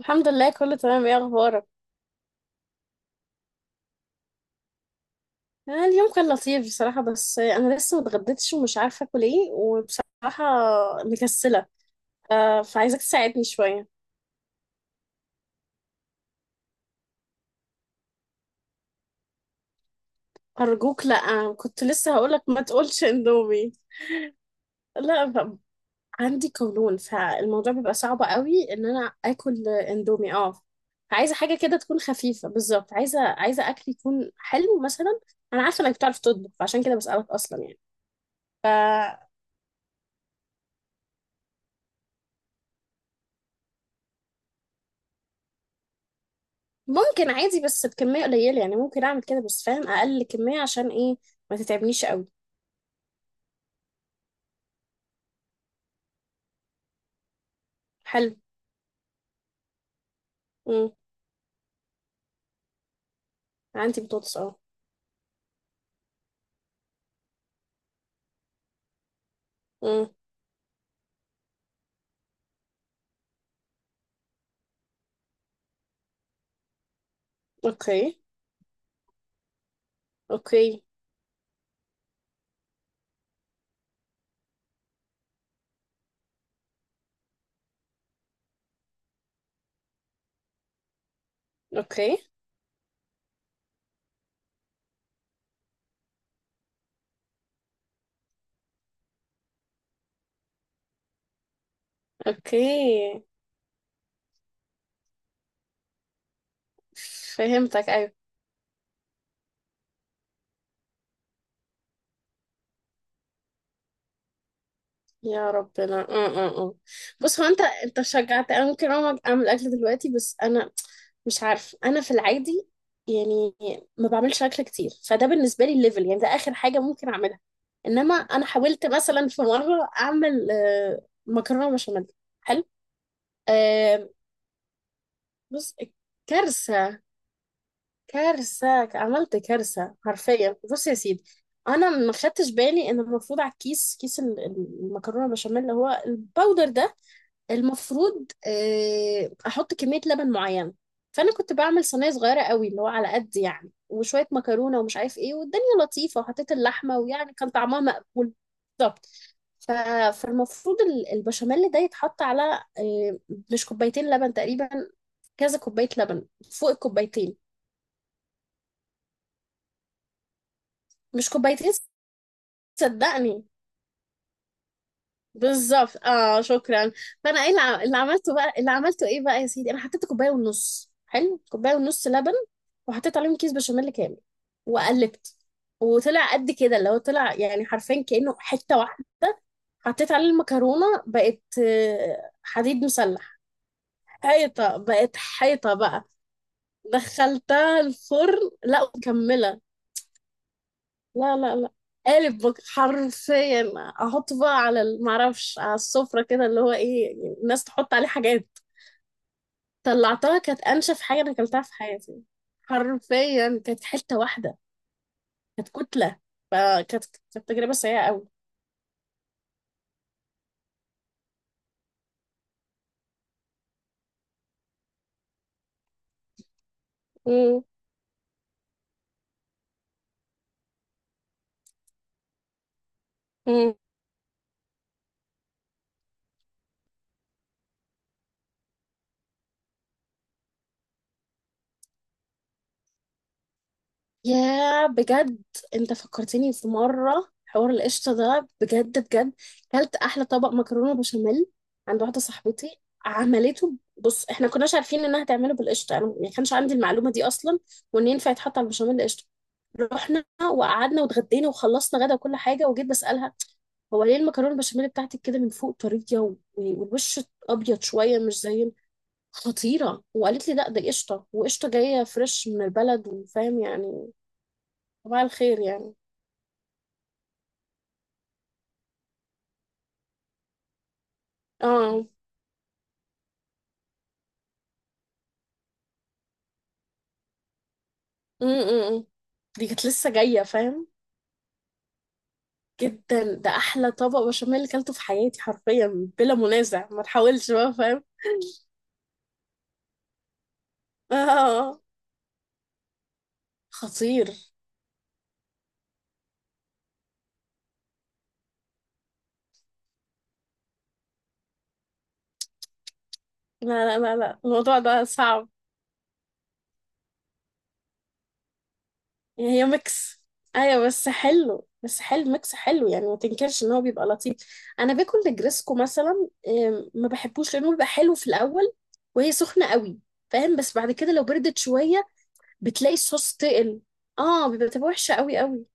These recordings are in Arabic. الحمد لله، كله تمام. ايه اخبارك؟ اليوم كان لطيف بصراحة، بس انا لسه متغديتش ومش عارفة اكل ايه وبصراحة مكسلة. فعايزاك تساعدني شوية. ارجوك لا، كنت لسه هقولك ما تقولش اندومي. لا، عندي قولون فالموضوع بيبقى صعب قوي ان انا اكل اندومي. اه. عايزة حاجة كده تكون خفيفة. بالظبط عايزة اكل يكون حلو مثلا. انا عارفة انك بتعرف تطبخ عشان كده بسألك اصلا. يعني ممكن عادي بس بكمية قليلة، يعني ممكن أعمل كده بس فاهم، أقل كمية عشان إيه ما تتعبنيش قوي. حلو. مم. عندي بطاطس، أه. مم. أوكي. أوكي. أوكي. أوكي. فهمتك، أيوة. يا ربنا، اه اه اه. بص، هو انت شجعت. انا ممكن اقوم اعمل اكل دلوقتي، بس انا مش عارف انا في العادي يعني ما بعملش اكل كتير، فده بالنسبه لي الليفل، يعني ده اخر حاجه ممكن اعملها. انما انا حاولت مثلا في مره اعمل مكرونه بشاميل. حلو. آه، بص، كارثه، كارثه. عملت كارثه حرفيا. بص يا سيدي، انا ما خدتش بالي ان المفروض على الكيس، كيس المكرونه بشاميل اللي هو الباودر ده، المفروض احط كميه لبن معينه. فانا كنت بعمل صينيه صغيره قوي، اللي هو على قد يعني وشويه مكرونه ومش عارف ايه، والدنيا لطيفه، وحطيت اللحمه، ويعني كان طعمها مقبول. بالظبط. ف- فالمفروض البشاميل ده يتحط على مش كوبايتين لبن تقريبا، كذا كوبايه لبن، فوق الكوبايتين. مش كوبايتين، صدقني. بالظبط، اه، شكرا. فانا ايه اللي اللي عملته بقى، اللي عملته ايه بقى يا سيدي؟ انا حطيت كوبايه ونص، حلو، كوبايه ونص لبن، وحطيت عليهم كيس بشاميل كامل، وقلبت، وطلع قد كده، اللي هو طلع يعني حرفيا كانه حته واحده. حطيت عليه المكرونه، بقت حديد مسلح. حيطه، بقت حيطه بقى. دخلتها الفرن، لا مكمله. لا لا لا. قالب، حرفيا. احط بقى على معرفش، على السفرة كده، اللي هو ايه يعني الناس تحط عليه حاجات. طلعتها كانت انشف حاجة انا اكلتها في حياتي، حرفيا كانت حتة واحدة، كانت كتلة. فكانت، كانت تجربة سيئة قوي. مم. يا بجد، انت فكرتني في مرة حوار القشطة ده. بجد بجد، كلت أحلى طبق مكرونة بشاميل عند واحدة صاحبتي. عملته، بص، احنا كناش عارفين انها تعمله بالقشطة، انا ما كانش عندي المعلومة دي اصلا، وان ينفع يتحط على البشاميل قشطة. رحنا وقعدنا واتغدينا وخلصنا غدا وكل حاجة، وجيت بسألها: هو ليه المكرونة البشاميل بتاعتك كده من فوق طرية، والوش أبيض شوية، مش زي... خطيرة. وقالت لي: لا ده قشطة، وقشطة جاية فريش من البلد، وفاهم يعني. صباح الخير يعني. اه. امم. دي كانت لسه جاية، فاهم، جدا. ده أحلى طبق بشاميل اللي أكلته في حياتي، حرفيا بلا منازع. ما تحاولش بقى، فاهم. اه. خطير. لا لا لا لا، الموضوع ده صعب. يعني هي ميكس. ايوه، بس حلو، بس حلو ميكس حلو، يعني ما تنكرش ان هو بيبقى لطيف. انا باكل نجرسكو مثلا، ما بحبوش لانه بيبقى حلو في الاول وهي سخنه قوي، فاهم، بس بعد كده لو بردت شويه بتلاقي الصوص تقل. اه بيبقى، تبقى وحشه قوي قوي.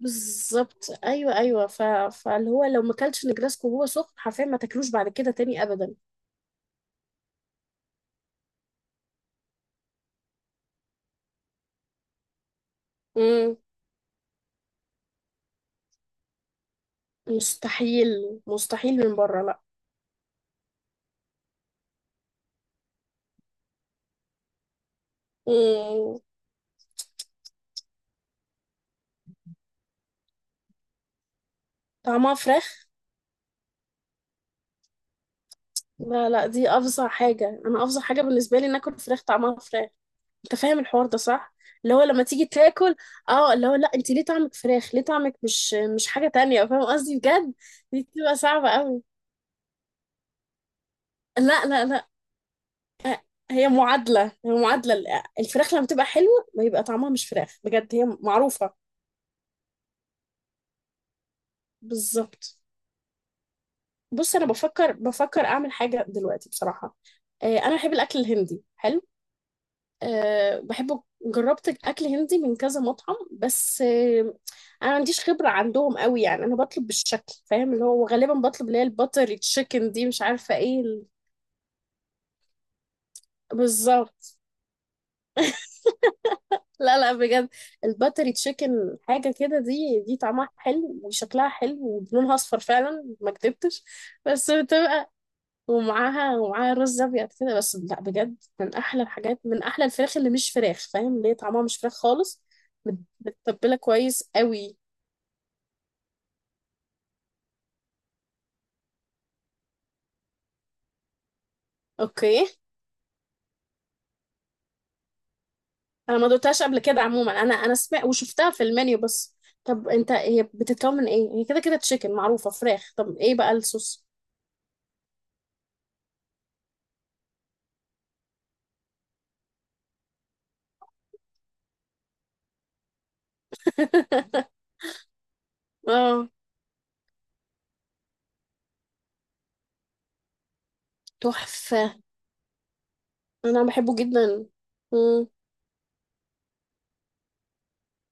بالظبط، ايوه ايوه. فاللي هو لو ما اكلتش نجرسكو وهو سخن حرفيا، ما تاكلوش بعد كده تاني ابدا. مم. مستحيل مستحيل، من بره لا. مم. طعمها فراخ. لا لا، دي افظع حاجه، انا افظع حاجه بالنسبه لي ناكل فراخ طعمها فراخ. انت فاهم الحوار ده صح؟ اللي هو لما تيجي تاكل، اه، اللي هو لا انت ليه طعمك فراخ، ليه طعمك مش، مش حاجه تانية، فاهم قصدي بجد. دي بتبقى صعبه قوي. لا لا لا. آه، هي معادلة، هي معادلة الفراخ لما تبقى حلوة ما يبقى طعمها مش فراخ، بجد هي معروفة. بالظبط. بص، أنا بفكر أعمل حاجة دلوقتي بصراحة. أنا بحب الأكل الهندي، حلو. أه بحبه، جربت أكل هندي من كذا مطعم، بس أنا ما عنديش خبرة عندهم قوي، يعني أنا بطلب بالشكل، فاهم، اللي هو غالبا بطلب اللي هي الباتر تشيكن دي، مش عارفة إيه بالظبط. لا لا، بجد، الباتري تشيكن حاجة كده، دي طعمها حلو وشكلها حلو ولونها أصفر فعلا، ما كدبتش. بس بتبقى، ومعاها رز أبيض كده بس، لا بجد من أحلى الحاجات، من أحلى الفراخ اللي مش فراخ، فاهم، اللي هي طعمها مش فراخ خالص. مت- متبلة كويس قوي. أوكي. أنا ما دوتهاش قبل كده عموما، أنا سمعت وشفتها في المنيو بس. طب أنت، هي بتتكون من إيه؟ هي كده كده تشيكن، معروفة فراخ، طب إيه بقى الصوص؟ اه تحفة. انا بحبه جدا. مم.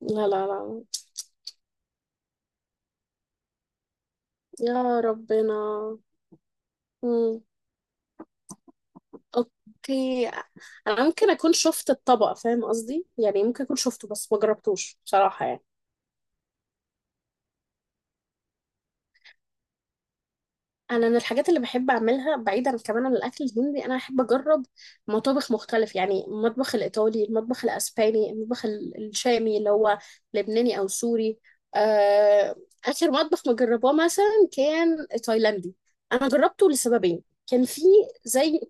لا لا لا، يا ربنا. مم. اوكي. انا ممكن اكون شفت الطبق، فاهم قصدي، يعني ممكن اكون شفته بس ما جربتوش بصراحة يعني. انا من الحاجات اللي بحب اعملها بعيدا كمان عن الاكل الهندي، انا بحب اجرب مطابخ مختلف، يعني المطبخ الايطالي، المطبخ الاسباني، المطبخ الشامي اللي هو لبناني او سوري. آه، اخر مطبخ ما جرباه مثلا كان تايلاندي. انا جربته لسببين. كان في زي...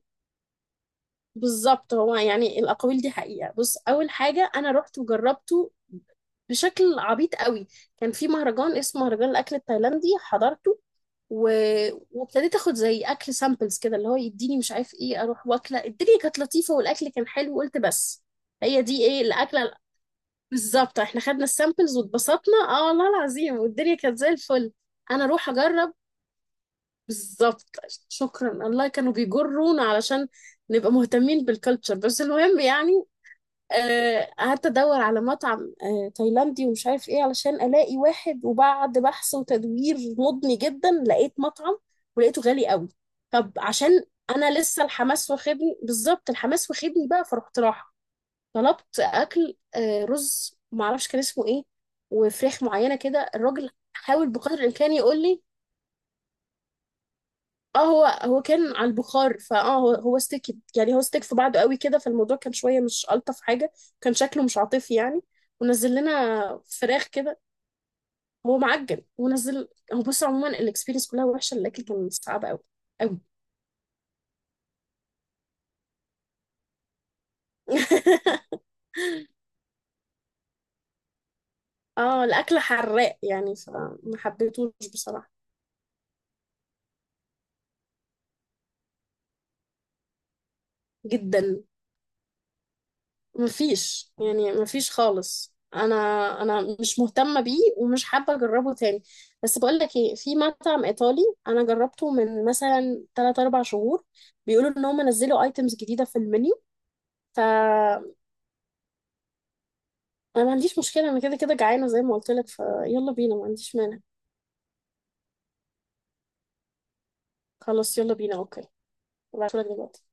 بالظبط. هو يعني الأقاويل دي حقيقة. بص، أول حاجة، أنا رحت وجربته بشكل عبيط قوي. كان في مهرجان اسمه مهرجان الأكل التايلاندي، حضرته. و... وابتديت اخد زي اكل سامبلز كده، اللي هو يديني مش عارف ايه، اروح واكله، الدنيا كانت لطيفه والاكل كان حلو، وقلت بس هي دي ايه الاكله بالظبط. احنا خدنا السامبلز واتبسطنا، اه والله العظيم، والدنيا كانت زي الفل. انا اروح اجرب، بالظبط. شكرا الله كانوا بيجرونا علشان نبقى مهتمين بالكلتشر، بس المهم يعني. قعدت ادور على مطعم تايلاندي ومش عارف ايه علشان الاقي واحد، وبعد بحث وتدوير مضني جدا لقيت مطعم، ولقيته غالي قوي. طب عشان انا لسه الحماس واخدني، بالظبط الحماس واخدني بقى، فرحت رايحه. طلبت اكل رز معرفش كان اسمه ايه، وفراخ معينه كده، الراجل حاول بقدر الامكان يقول لي. اه هو هو كان على البخار، فاه هو هو استكت، يعني هو استك في بعضه قوي كده، فالموضوع كان شويه مش الطف حاجه. كان شكله مش عاطفي يعني. ونزل لنا فراخ كده، هو معجن ونزل. هو بص عموما الاكسبيرينس كلها وحشه، الاكل كان صعب قوي قوي. اه الاكل حراق يعني، فما حبيتهوش بصراحه. جدا. مفيش يعني، مفيش خالص. انا مش مهتمه بيه ومش حابه اجربه تاني. بس بقول لك ايه، في مطعم ايطالي انا جربته من مثلا 3 4 شهور، بيقولوا ان هم نزلوا ايتمز جديده في المنيو. ف، انا ما عنديش مشكله، انا كده كده جعانه زي ما قلت لك، فيلا بينا ما عنديش مانع. خلاص يلا بينا، اوكي. هبعتهولك دلوقتي.